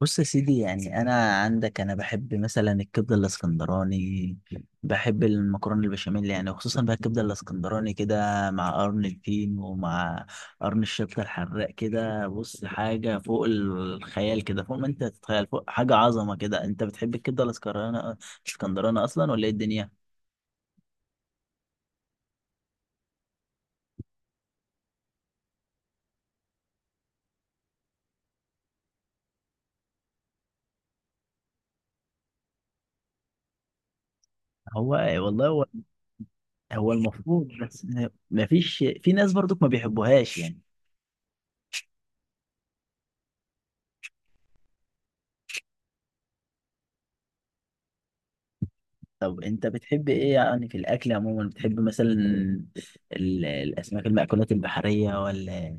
بص يا سيدي، يعني انا بحب مثلا الكبده الاسكندراني. بحب المكرونه البشاميل، يعني وخصوصا بقى الكبده الاسكندراني كده مع قرن الفين ومع قرن الشطه الحراق كده. بص حاجه فوق الخيال كده، فوق ما انت تتخيل، فوق حاجه عظمه كده. انت بتحب الكبده الاسكندراني الاسكندراني اصلا ولا ايه الدنيا؟ هو والله هو المفروض بس مفيش. في ناس برضك ما بيحبوهاش يعني. طب انت بتحب ايه يعني في الاكل عموما؟ بتحب مثلا الاسماك المأكولات البحريه ولا؟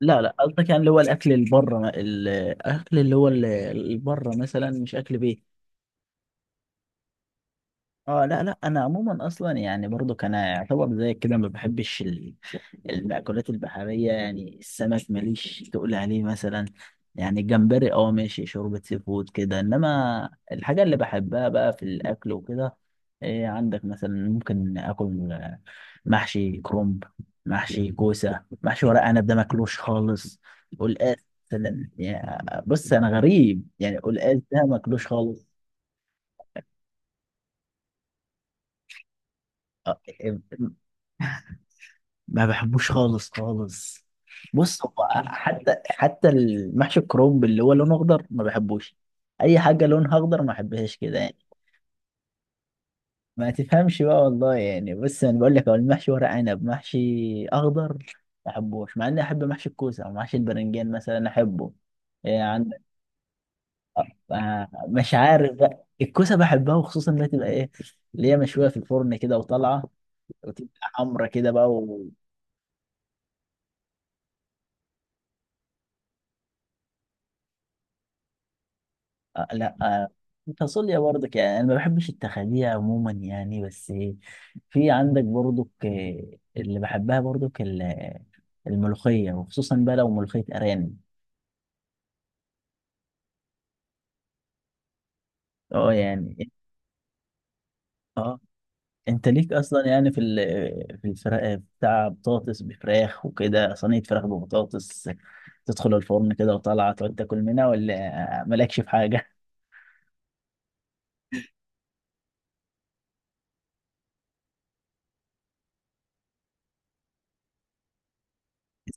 لا لا، قصدك يعني اللي هو الاكل اللي بره، الاكل اللي هو اللي بره، مثلا مش اكل بيت. اه لا لا، انا عموما اصلا يعني برضو كان يعتبر زي كده ما بحبش المأكولات البحريه، يعني السمك ماليش تقول عليه مثلا. يعني الجمبري اه ماشي، شوربه سي فود كده، انما الحاجه اللي بحبها بقى في الاكل وكده، إيه عندك مثلا؟ ممكن اكل محشي كرنب، محشي كوسه، محشي ورق عنب ده ماكلوش خالص. والقاس مثلا، يعني بص انا غريب، يعني القاس ده ماكلوش خالص. آه، ما بحبوش خالص خالص. بص هو حتى المحشي الكرنب اللي هو لونه اخضر ما بحبوش. اي حاجه لونها اخضر ما بحبهاش كده يعني. ما تفهمش بقى والله. يعني بص انا بقول لك، هو المحشي ورق عنب محشي اخضر ما بحبوش، مع اني احب محشي الكوسه او محشي البرنجان مثلا احبه. إيه عندك؟ مش عارف بقى، الكوسه بحبها وخصوصا انها تبقى ايه، اللي هي مشويه في الفرن كده وطالعه وتبقى حمرا كده بقى. آه لا آه. تصلي برضك يعني انا ما بحبش التخابيئة عموما، يعني بس. في عندك برضك اللي بحبها برضك الملوخية، وخصوصا بقى لو ملوخية ارانب. اه يعني. اه انت ليك اصلا يعني في الفراخ بتاع بطاطس بفراخ وكده، صينية فراخ ببطاطس تدخل الفرن كده وطالعة تقعد تاكل منها ولا مالكش في حاجة؟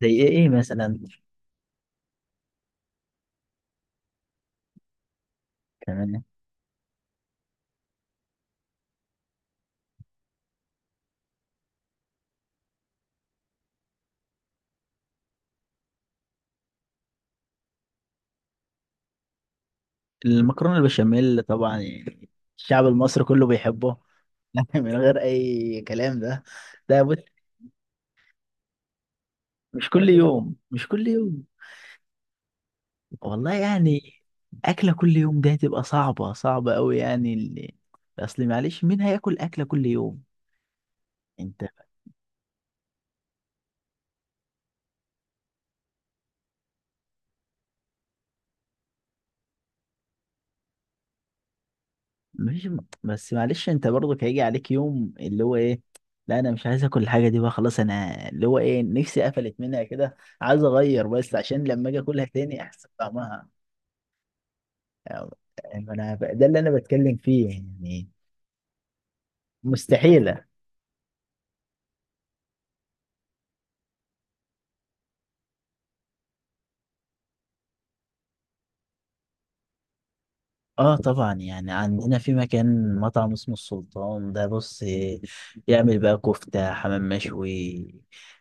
زي ايه ايه مثلا؟ تمام. المكرونة البشاميل طبعا يعني، الشعب المصري كله بيحبه. من غير اي كلام ده، ده بص. مش كل يوم مش كل يوم. والله يعني اكله كل يوم ده هتبقى صعبه قوي يعني. اللي اصل معلش مين هياكل اكله كل يوم؟ انت. مش بس معلش انت برضك هيجي عليك يوم اللي هو ايه، لا انا مش عايز اكل الحاجه دي بقى خلاص، انا اللي هو ايه نفسي قفلت منها كده، عايز اغير بس عشان لما اجي اكلها تاني احس بطعمها. يعني ده اللي انا بتكلم فيه يعني. مستحيل. اه طبعا، يعني عندنا في مكان مطعم اسمه السلطان ده، بص يعمل بقى كفتة حمام مشوي،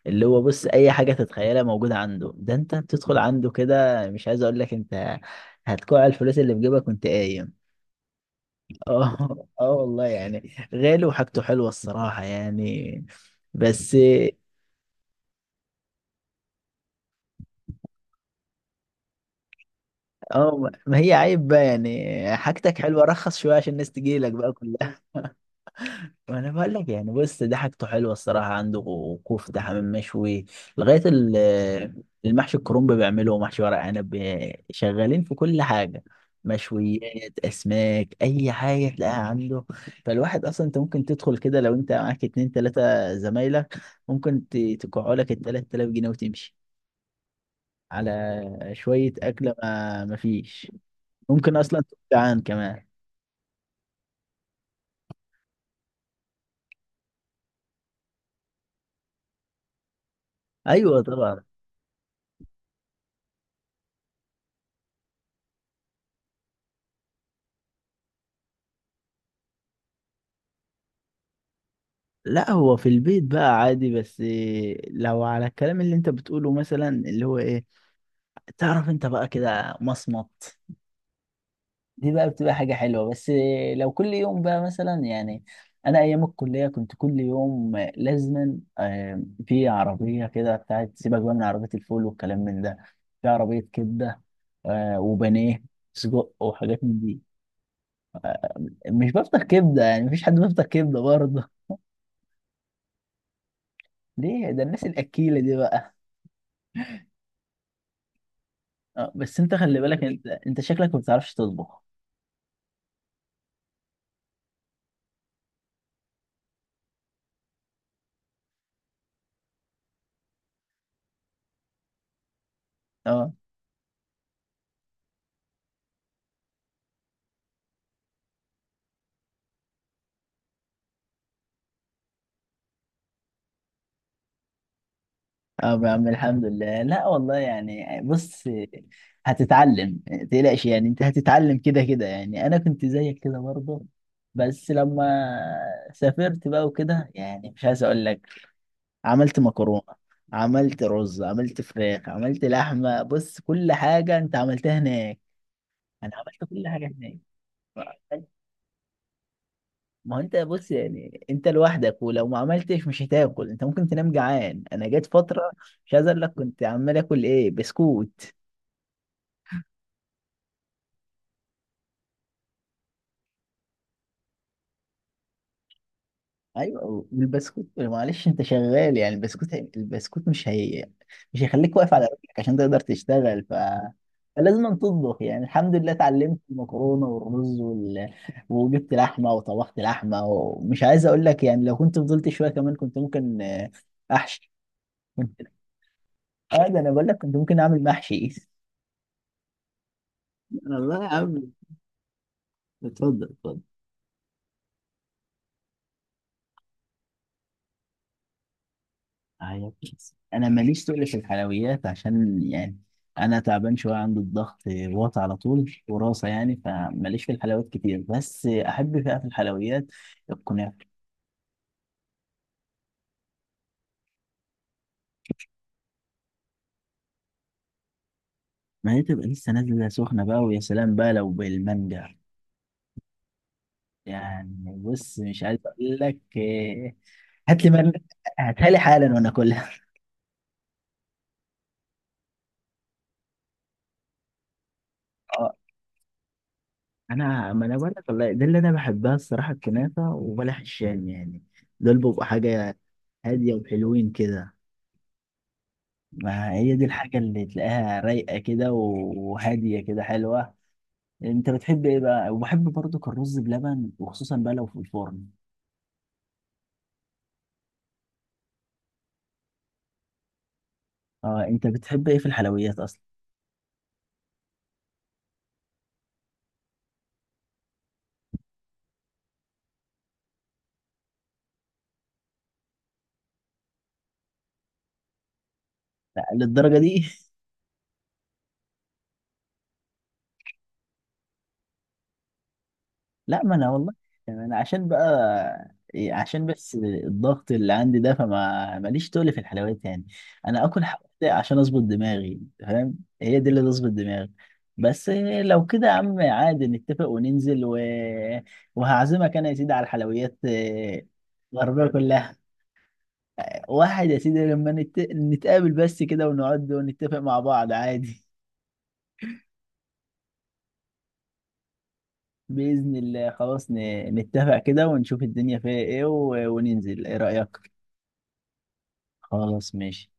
اللي هو بص اي حاجة تتخيلها موجودة عنده. ده انت بتدخل عنده كده، مش عايز اقول لك، انت هتكوع الفلوس اللي في جيبك وانت قايم. اه اه والله، يعني غالي وحاجته حلوة الصراحة يعني، بس. اه ما هي عيب بقى يعني، حاجتك حلوة رخص شوية عشان الناس تجيلك بقى كلها. انا بقول لك يعني، بص ده حاجته حلوه الصراحه عنده، كفته حمام مشوي لغايه المحشي الكرنب بيعمله، ومحشي ورق عنب، شغالين في كل حاجه. مشويات، اسماك، اي حاجه تلاقيها عنده. فالواحد اصلا انت ممكن تدخل كده، لو انت معاك اتنين تلاته زمايلك ممكن تقعوا لك ال 3000 جنيه وتمشي على شويه اكله ما فيش. ممكن اصلا تبقى جعان كمان. ايوه طبعا. لا هو في البيت بقى عادي، بس إيه، لو على الكلام اللي انت بتقوله مثلا اللي هو ايه، تعرف انت بقى كده مصمت، دي بقى بتبقى حاجة حلوة. بس إيه، لو كل يوم بقى مثلا، يعني انا ايام الكلية كنت كل يوم لازما في عربية كده بتاعت، سيبك بقى من عربية الفول والكلام من ده، في عربية كبدة، وبانيه، سجق وحاجات من دي. مش بفطر كبدة، يعني مفيش حد بيفطر كبدة برضه. ليه؟ ده الناس الأكيلة دي بقى. اه بس انت خلي بالك، انت شكلك ما بتعرفش تطبخ. اه اه يا عم الحمد لله. لا والله، يعني بص هتتعلم، تقلقش يعني، انت هتتعلم كده كده. يعني انا كنت زيك كده برضه، بس لما سافرت بقى وكده، يعني مش عايز اقول لك، عملت مكرونة، عملت رز، عملت فراخ، عملت لحمة. بص كل حاجة انت عملتها هناك. انا عملت كل حاجة هناك. ما هو انت بص، يعني انت لوحدك، ولو ما عملتش مش هتاكل، انت ممكن تنام جعان. انا جت فتره مش عايز اقول لك، كنت عمال اكل ايه، بسكوت. ايوه والبسكوت معلش انت شغال، يعني البسكوت مش هي، مش هيخليك واقف على رجلك عشان تقدر تشتغل. ف فلازم أن تطبخ. يعني الحمد لله اتعلمت المكرونه والرز وال... وجبت لحمه وطبخت لحمه، ومش عايز اقول لك يعني لو كنت فضلت شويه كمان كنت ممكن احشي، كنت اه. ده انا بقول لك كنت ممكن اعمل محشي، والله يا عم. اتفضل اتفضل. عيب. انا ماليش تقل في الحلويات، عشان يعني انا تعبان شويه، عندي الضغط واطي على طول وراسه يعني، فماليش في الحلويات كتير، بس احب بقى في الحلويات الكنافه. ما هي تبقى لسه نازله سخنه بقى، ويا سلام بقى لو بالمانجا. يعني بص مش عايز اقول لك هات لي مانجا، هاتها لي حالا وانا اكلها. انا ما انا بقول لك والله، ده اللي انا بحبها الصراحه، الكنافه وبلح الشام يعني، دول بيبقوا حاجه هاديه وحلوين كده. ما هي دي الحاجه اللي تلاقيها رايقه كده وهاديه كده حلوه. انت بتحب ايه بقى؟ وبحب برضك الرز بلبن، وخصوصا بقى لو في الفرن. اه انت بتحب ايه في الحلويات اصلا؟ لا، للدرجه دي؟ لا ما انا والله، يعني انا عشان بقى إيه، عشان بس الضغط اللي عندي ده، فما ماليش تقل في الحلويات يعني. انا اكل حلويات عشان اظبط دماغي، فاهم؟ هي دي اللي تظبط دماغي. بس إيه، لو كده يا عم عادي، نتفق وننزل و... وهعزمك انا يا سيدي على الحلويات الغربية كلها. واحد يا سيدي، لما نتقابل بس كده ونقعد ونتفق مع بعض عادي. بإذن الله خلاص، نتفق كده ونشوف الدنيا فيها ايه و... وننزل، ايه رأيك؟ خلاص ماشي.